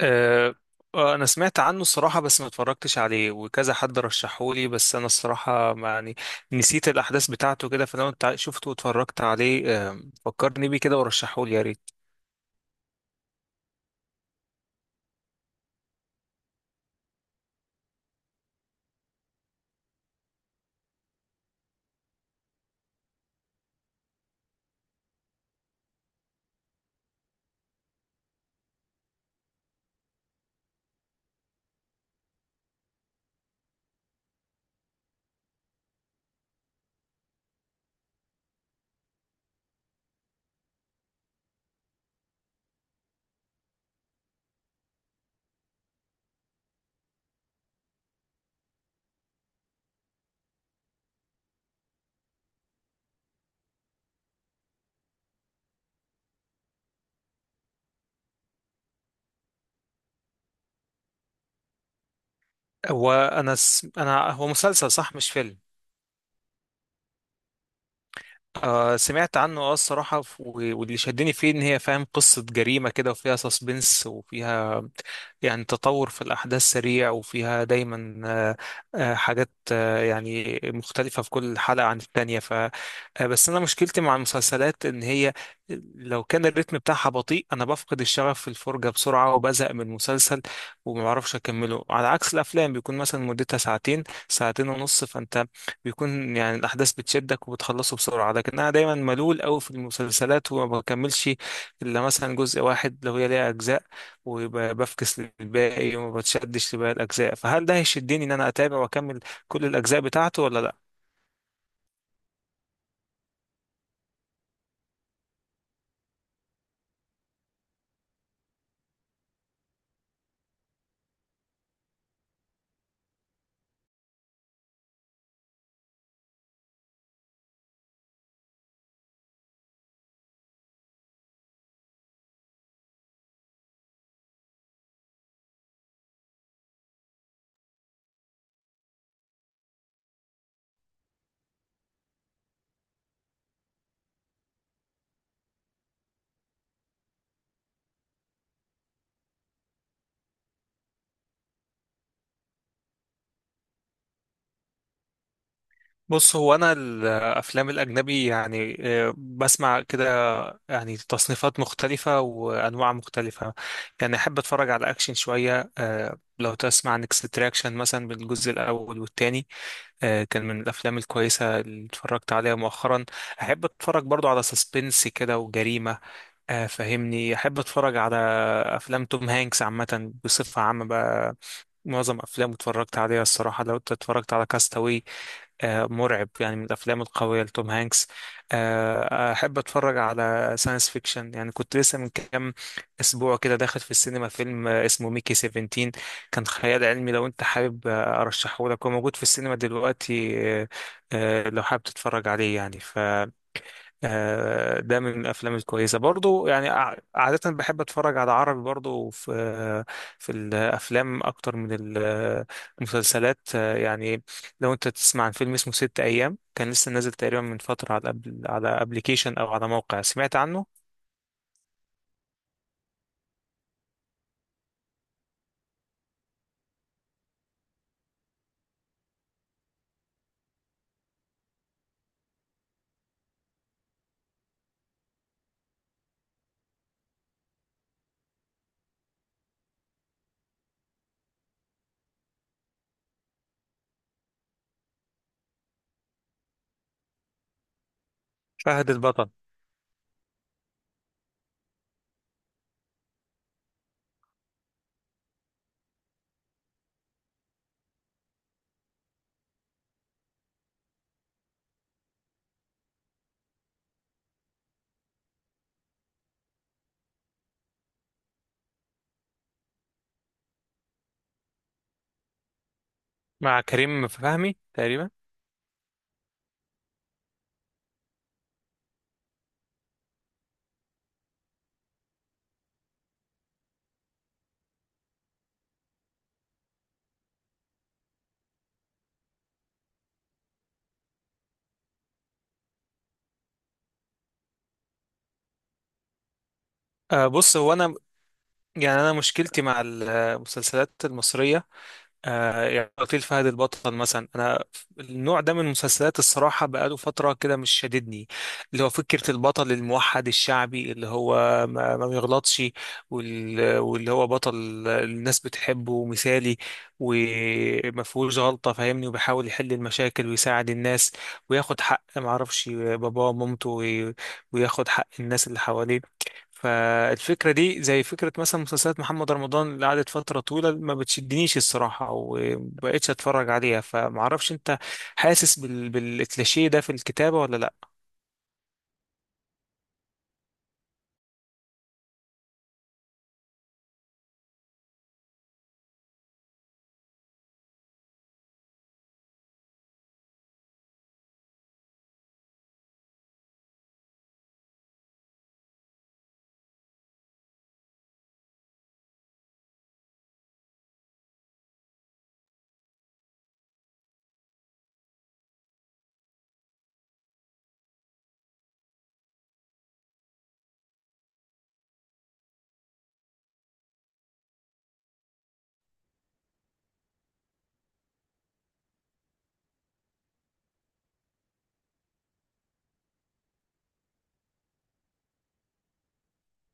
آه، انا سمعت عنه الصراحه، بس ما اتفرجتش عليه. وكذا حد رشحهولي، بس انا الصراحه يعني نسيت الاحداث بتاعته كده. فلو انت شفته واتفرجت عليه فكرني بيه كده ورشحهولي يا ريت. هو انا هو مسلسل صح مش فيلم. آه سمعت عنه. اه الصراحة واللي شدني فيه ان هي فاهم قصة جريمة كده، وفيها سسبنس، وفيها يعني تطور في الأحداث سريع، وفيها دايما حاجات، يعني مختلفة في كل حلقة عن التانية، ف آه، بس أنا مشكلتي مع المسلسلات إن هي لو كان الريتم بتاعها بطيء أنا بفقد الشغف في الفرجة بسرعة وبزهق من المسلسل ومعرفش أكمله. على عكس الأفلام بيكون مثلا مدتها ساعتين ونص، فأنت بيكون يعني الأحداث بتشدك وبتخلصه بسرعة. لكن أنا دايما ملول أوي في المسلسلات وما بكملش إلا مثلا جزء واحد لو هي ليها أجزاء، وبفكس للباقي وما بتشدش لباقي الأجزاء. فهل ده هيشدني إن أنا أتابع وأكمل كل الأجزاء بتاعته ولا لأ؟ بص هو أنا الأفلام الأجنبي يعني بسمع كده يعني تصنيفات مختلفة وأنواع مختلفة. يعني أحب أتفرج على أكشن شوية. لو تسمع عن اكستراكشن مثلا بالجزء الأول والتاني، كان من الافلام الكويسه اللي اتفرجت عليها مؤخرا. احب اتفرج برضو على سسبنس كده وجريمه. فهمني، احب اتفرج على افلام توم هانكس عامه، بصفه عامه بقى معظم افلامه اتفرجت عليها الصراحه. لو انت اتفرجت على كاستاوي، مرعب يعني، من الافلام القويه لتوم هانكس. احب اتفرج على ساينس فيكشن. يعني كنت لسه من كام اسبوع كده داخل في السينما فيلم اسمه ميكي 17، كان خيال علمي. لو انت حابب ارشحه لك، هو موجود في السينما دلوقتي. لو حابب تتفرج عليه يعني، ده من الافلام الكويسه برضو. يعني عاده بحب اتفرج على عربي برضو في الافلام اكتر من المسلسلات، يعني لو انت تسمع عن فيلم اسمه ست ايام، كان لسه نازل تقريبا من فتره على أبل، على ابلكيشن او على موقع سمعت عنه. فهد البطل. مع كريم فهمي تقريبا. بص هو انا يعني انا مشكلتي مع المسلسلات المصريه، آه يعني قتيل فهد البطل مثلا. انا النوع ده من المسلسلات الصراحه بقاله فتره كده مش شاددني. اللي هو فكره البطل الموحد الشعبي اللي هو ما بيغلطش، واللي هو بطل الناس بتحبه ومثالي وما فيهوش غلطه، فاهمني، وبيحاول يحل المشاكل ويساعد الناس وياخد حق ما اعرفش باباه ومامته، وياخد حق الناس اللي حواليه. فالفكرة دي زي فكرة مثلا مسلسلات محمد رمضان اللي قعدت فترة طويلة ما بتشدنيش الصراحة ومبقتش اتفرج عليها. فمعرفش انت حاسس بالكليشيه ده في الكتابة ولا لا.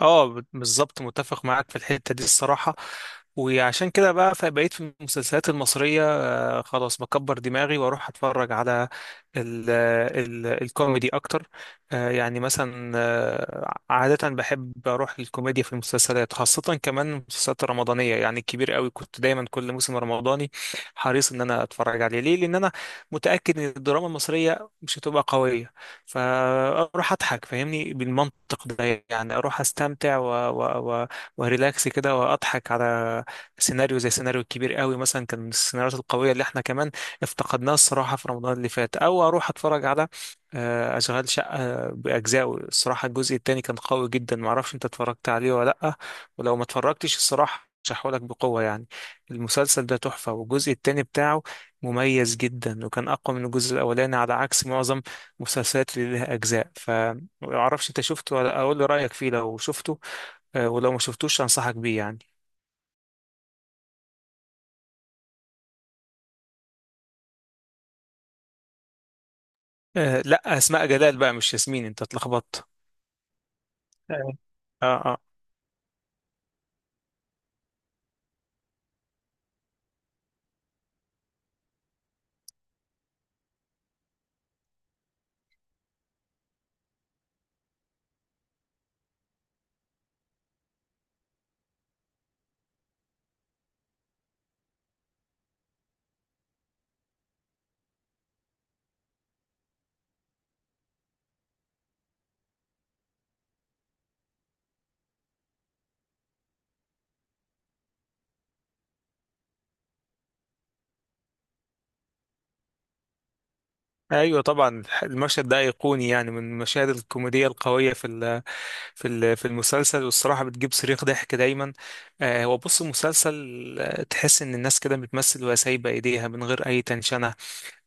اه بالظبط، متفق معاك في الحتة دي الصراحة. وعشان كده بقى فبقيت في المسلسلات المصرية خلاص بكبر دماغي واروح اتفرج على ال ال الكوميدي اكتر. يعني مثلا، عادة بحب اروح للكوميديا في المسلسلات، خاصة كمان المسلسلات الرمضانية. يعني الكبير قوي كنت دايما كل موسم رمضاني حريص ان انا اتفرج عليه، ليه؟ لان انا متأكد ان الدراما المصرية مش هتبقى قوية، فاروح اضحك فاهمني بالمنطق ده. يعني اروح استمتع وريلاكس كده واضحك على سيناريو زي سيناريو الكبير قوي مثلا، كان من السيناريوهات القوية اللي احنا كمان افتقدناها الصراحة في رمضان اللي فات. او اروح اتفرج على اشغال شقة باجزائه. الصراحة الجزء التاني كان قوي جدا، معرفش انت اتفرجت عليه ولا لأ. ولو ما اتفرجتش الصراحة لك بقوة يعني، المسلسل ده تحفة، والجزء التاني بتاعه مميز جدا وكان أقوى من الجزء الأولاني على عكس معظم المسلسلات اللي لها أجزاء. فمعرفش أنت شفته، ولا أقول لي رأيك فيه لو شفته. ولو ما شفتوش أنصحك بيه يعني. آه لا، اسماء جلال بقى مش ياسمين، انت اتلخبطت. آه. اه اه. ايوه طبعا، المشهد ده ايقوني يعني، من المشاهد الكوميديه القويه في ال في ال في المسلسل، والصراحه بتجيب صريخ ضحك دايما. آه هو بص المسلسل، تحس ان الناس كده بتمثل وهي سايبه ايديها من غير اي تنشنه.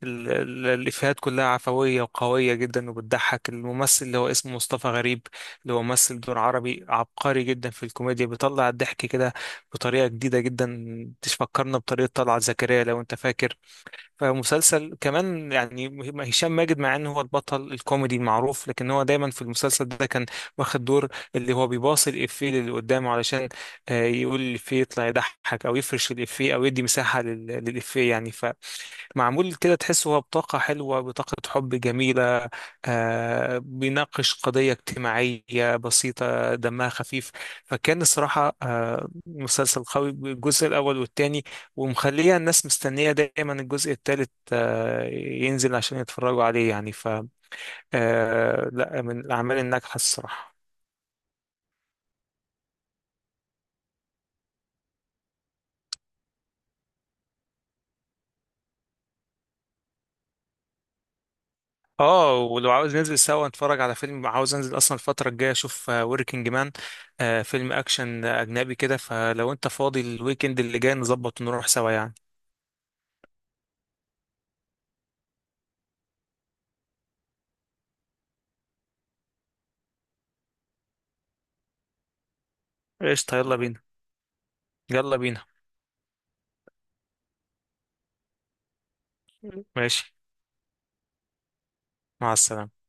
الإفيهات كلها عفوية وقوية جدا وبتضحك. الممثل اللي هو اسمه مصطفى غريب، اللي هو ممثل دور عربي، عبقري جدا في الكوميديا، بيطلع الضحك كده بطريقة جديدة جدا تفكرنا بطريقة طلعت زكريا لو أنت فاكر. فمسلسل كمان يعني هشام ماجد، مع إن هو البطل الكوميدي المعروف، لكن هو دايما في المسلسل ده كان واخد دور اللي هو بيباصي الإفيه اللي قدامه علشان يقول الإفيه يطلع يضحك، أو يفرش الإفيه، أو يدي مساحة للإفيه يعني. معمول كده تحس هو بطاقة حلوة، بطاقة حب جميلة، آه بيناقش قضية اجتماعية بسيطة دمها خفيف. فكان الصراحة آه مسلسل قوي بالجزء الأول والتاني، ومخلية الناس مستنية دايما الجزء التالت آه ينزل عشان يتفرجوا عليه يعني. ف آه لا، من الأعمال الناجحة الصراحة. اه ولو عاوز ننزل سوا نتفرج على فيلم، عاوز انزل اصلا الفترة الجاية اشوف وركينج مان، فيلم اكشن اجنبي كده. فلو انت فاضي الويكند اللي جاي نظبط ونروح سوا يعني. قشطة، يلا بينا. يلا بينا. ماشي. مع السلامة.